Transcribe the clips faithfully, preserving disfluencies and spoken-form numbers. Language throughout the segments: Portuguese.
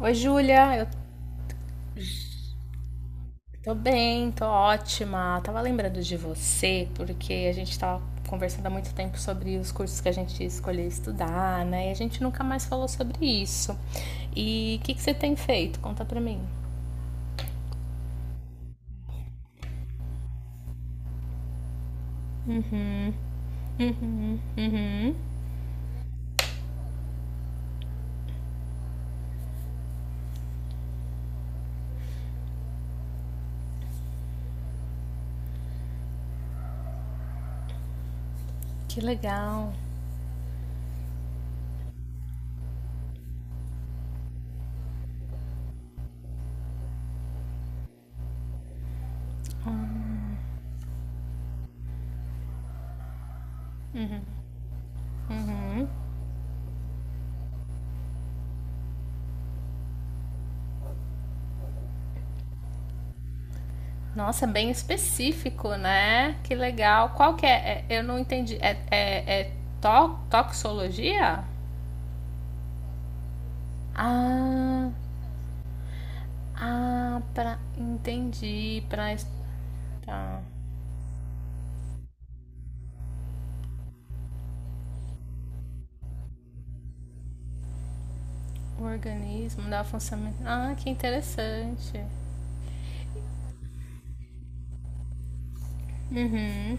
Oi, Júlia, eu tô bem, tô ótima. Tava lembrando de você porque a gente tava conversando há muito tempo sobre os cursos que a gente escolheu estudar, né? E a gente nunca mais falou sobre isso. E o que que você tem feito? Conta pra mim. Uhum, que legal. Nossa, bem específico, né? Que legal. Qual que é? É, Eu não entendi. É, é, é to- toxologia? Ah, ah, pra, entendi. Pra, es- tá. O organismo, dá o funcionamento. Ah, que interessante. Uhum.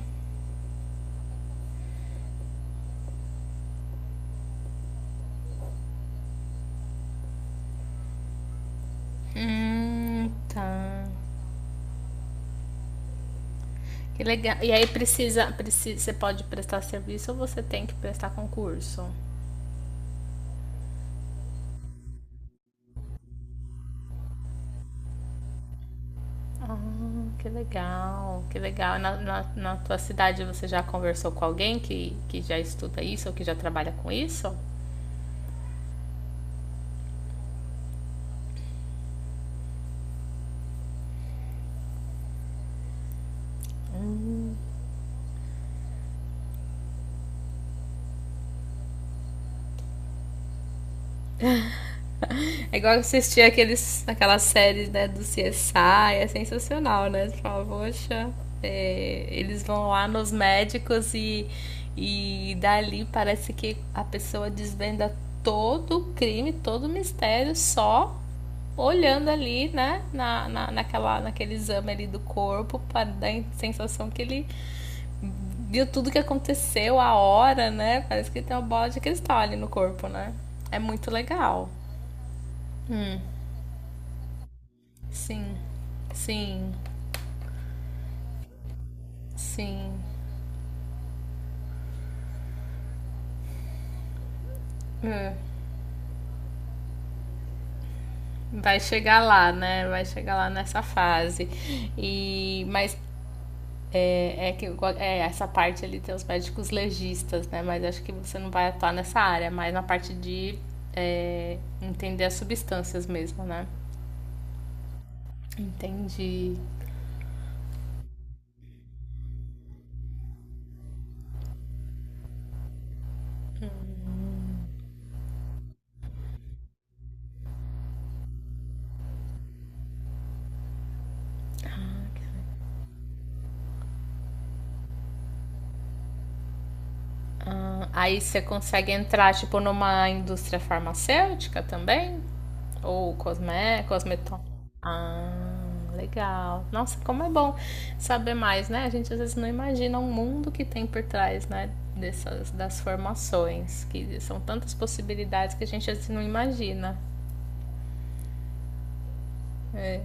Hum, tá. Que legal. E aí precisa, precisa, você pode prestar serviço ou você tem que prestar concurso? Ah, que legal, que legal. Na, na, na tua cidade você já conversou com alguém que, que já estuda isso ou que já trabalha com isso? É igual assistir aqueles, aquelas séries, né, do C S I, é sensacional, né? Você fala, poxa, é, eles vão lá nos médicos e, e dali parece que a pessoa desvenda todo o crime, todo o mistério, só olhando ali, né, na, na, naquela, naquele exame ali do corpo, para dar a sensação que ele viu tudo que aconteceu, a hora, né? Parece que tem uma bola de cristal ali no corpo, né? É muito legal. Sim, sim, sim. É, vai chegar lá, né? Vai chegar lá nessa fase. E, mas é, é que eu go- é, essa parte ali tem os médicos legistas, né? Mas acho que você não vai atuar nessa área, mas na parte de é, entender as substâncias mesmo, né? Entendi. Aí você consegue entrar, tipo, numa indústria farmacêutica também? Ou cosme... cosmeton... Ah, legal. Nossa, como é bom saber mais, né? A gente às vezes não imagina o mundo que tem por trás, né? Dessas, das formações, que são tantas possibilidades que a gente às vezes não imagina. É.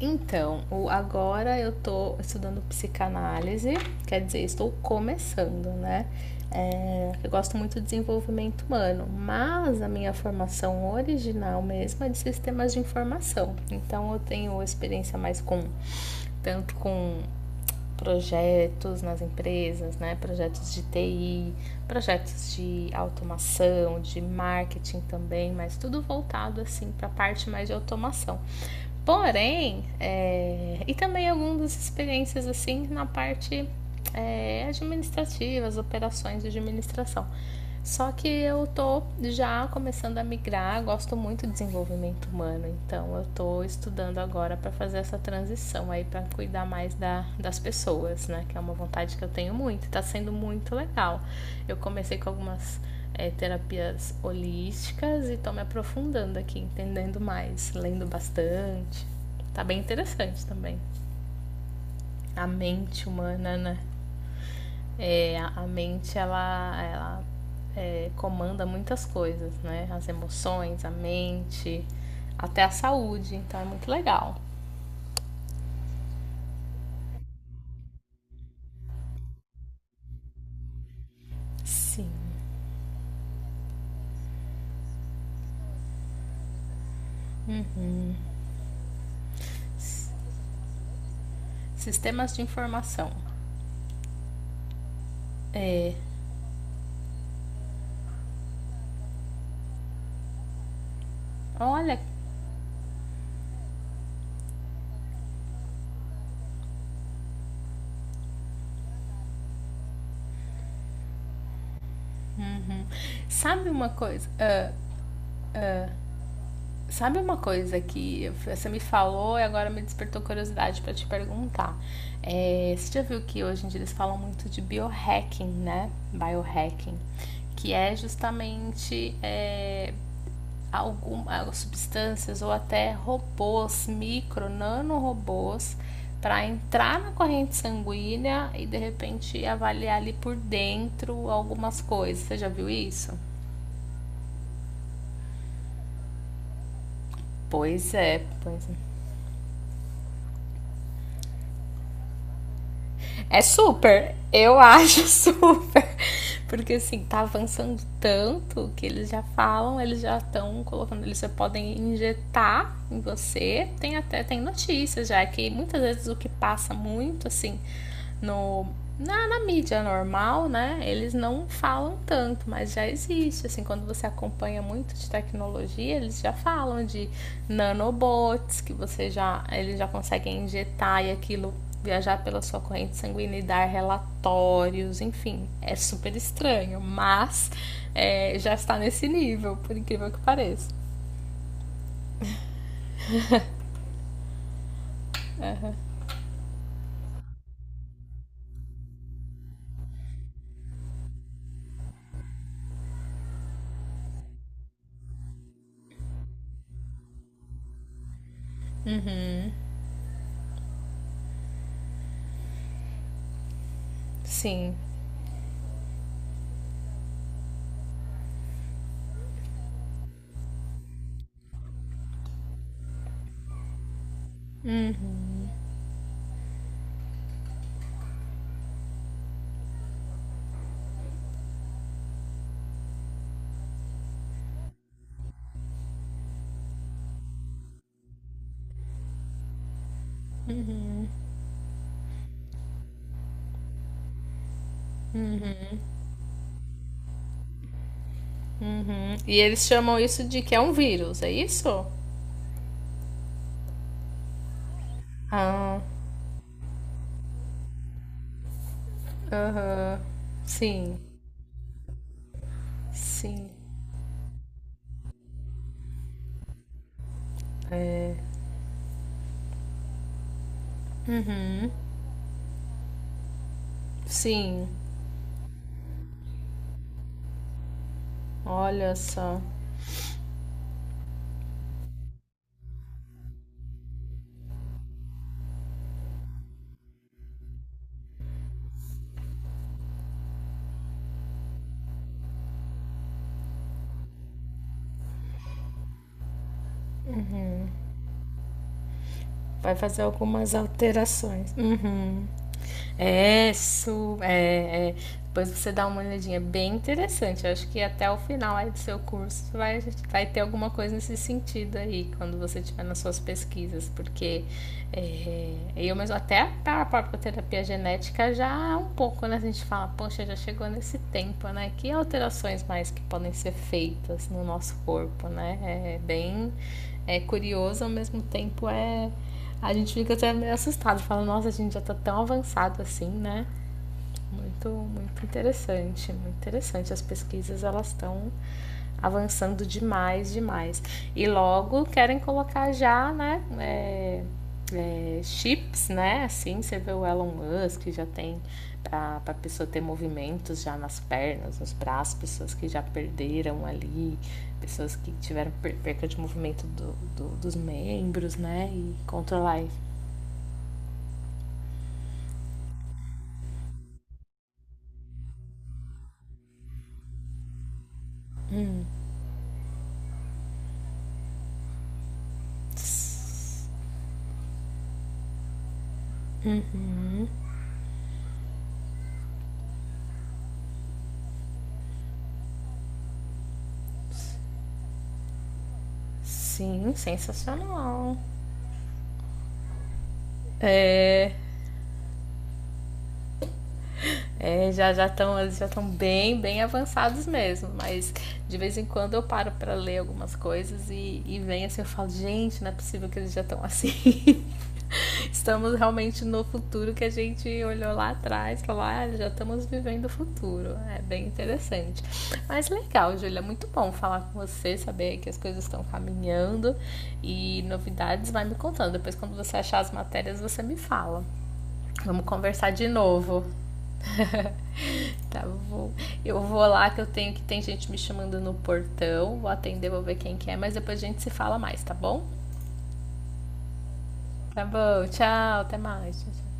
Então, o- agora eu tô estudando psicanálise, quer dizer, estou começando, né? É, eu gosto muito de desenvolvimento humano, mas a minha formação original mesmo é de sistemas de informação. Então, eu tenho experiência mais com, tanto com projetos nas empresas, né? Projetos de T I, projetos de automação, de marketing também, mas tudo voltado assim para a parte mais de automação. Porém, é, e também algumas experiências assim na parte é, administrativa, as operações de administração. Só que eu tô já começando a migrar, gosto muito de desenvolvimento humano, então eu tô estudando agora para fazer essa transição aí para cuidar mais da, das pessoas, né? Que é uma vontade que eu tenho muito, tá sendo muito legal. Eu comecei com algumas é, terapias holísticas e tô me aprofundando aqui, entendendo mais, lendo bastante. Tá bem interessante também. A mente humana, né? É, a mente, ela, ela é, comanda muitas coisas, né? As emoções, a mente, até a saúde. Então é muito legal. Sim. Uhum. Sistemas de informação. É. Olha. Uhum. Sabe uma coisa? Sabe uma coisa que você me falou e agora me despertou curiosidade para te perguntar? É, você já viu que hoje em dia eles falam muito de biohacking, né? Biohacking, que é justamente é, algumas substâncias ou até robôs, micro, nanorobôs, para entrar na corrente sanguínea e de repente avaliar ali por dentro algumas coisas. Você já viu isso? Pois é, pois é. É super. Eu acho super. Porque assim, tá avançando tanto que eles já falam, eles já estão colocando, eles já podem injetar em você. Tem até tem notícias já que muitas vezes o que passa muito assim no na, na mídia normal, né? Eles não falam tanto, mas já existe. Assim, quando você acompanha muito de tecnologia, eles já falam de nanobots que você já eles já conseguem injetar e aquilo viajar pela sua corrente sanguínea e dar relatórios, enfim, é super estranho, mas é, já está nesse nível, por incrível que pareça. Sim. Uhum. E eles chamam isso de que é um vírus, é isso? Ah, aham. Sim, sim. É. Uhum. Sim. Olha só. Vai fazer algumas alterações. Uhum. É, su... é, é. Depois você dá uma olhadinha, é bem interessante. Eu acho que até o final aí do seu curso vai, vai ter alguma coisa nesse sentido aí, quando você estiver nas suas pesquisas, porque é, eu mesmo, até a própria terapia genética já um pouco, né? A gente fala, poxa, já chegou nesse tempo, né? Que alterações mais que podem ser feitas no nosso corpo, né? É bem é curioso, ao mesmo tempo é, a gente fica até meio assustado, fala, nossa, a gente já tá tão avançado assim, né? Muito, muito interessante, muito interessante. As pesquisas, elas estão avançando demais, demais. E logo querem colocar já, né, é, é, chips, né? Assim, você vê o Elon Musk, já tem para a pessoa ter movimentos já nas pernas, nos braços, pessoas que já perderam ali, pessoas que tiveram per- perca de movimento do, do- dos membros, né? E controlar. Sim, sensacional. É, já já estão eles já estão bem bem avançados mesmo, mas de vez em quando eu paro para ler algumas coisas e, e vem assim eu falo gente não é possível que eles já estão assim. Estamos realmente no futuro que a gente olhou lá atrás, falou ah já estamos vivendo o futuro, é bem interessante. Mas legal, Júlia, muito bom falar com você, saber que as coisas estão caminhando e novidades vai me contando. Depois quando você achar as matérias você me fala. Vamos conversar de novo. tá, vou, eu vou lá que eu tenho que tem gente me chamando no portão. Vou atender, vou ver quem que é, mas depois a gente se fala mais, tá bom? Tá bom, tchau, até mais. Tchau, tchau.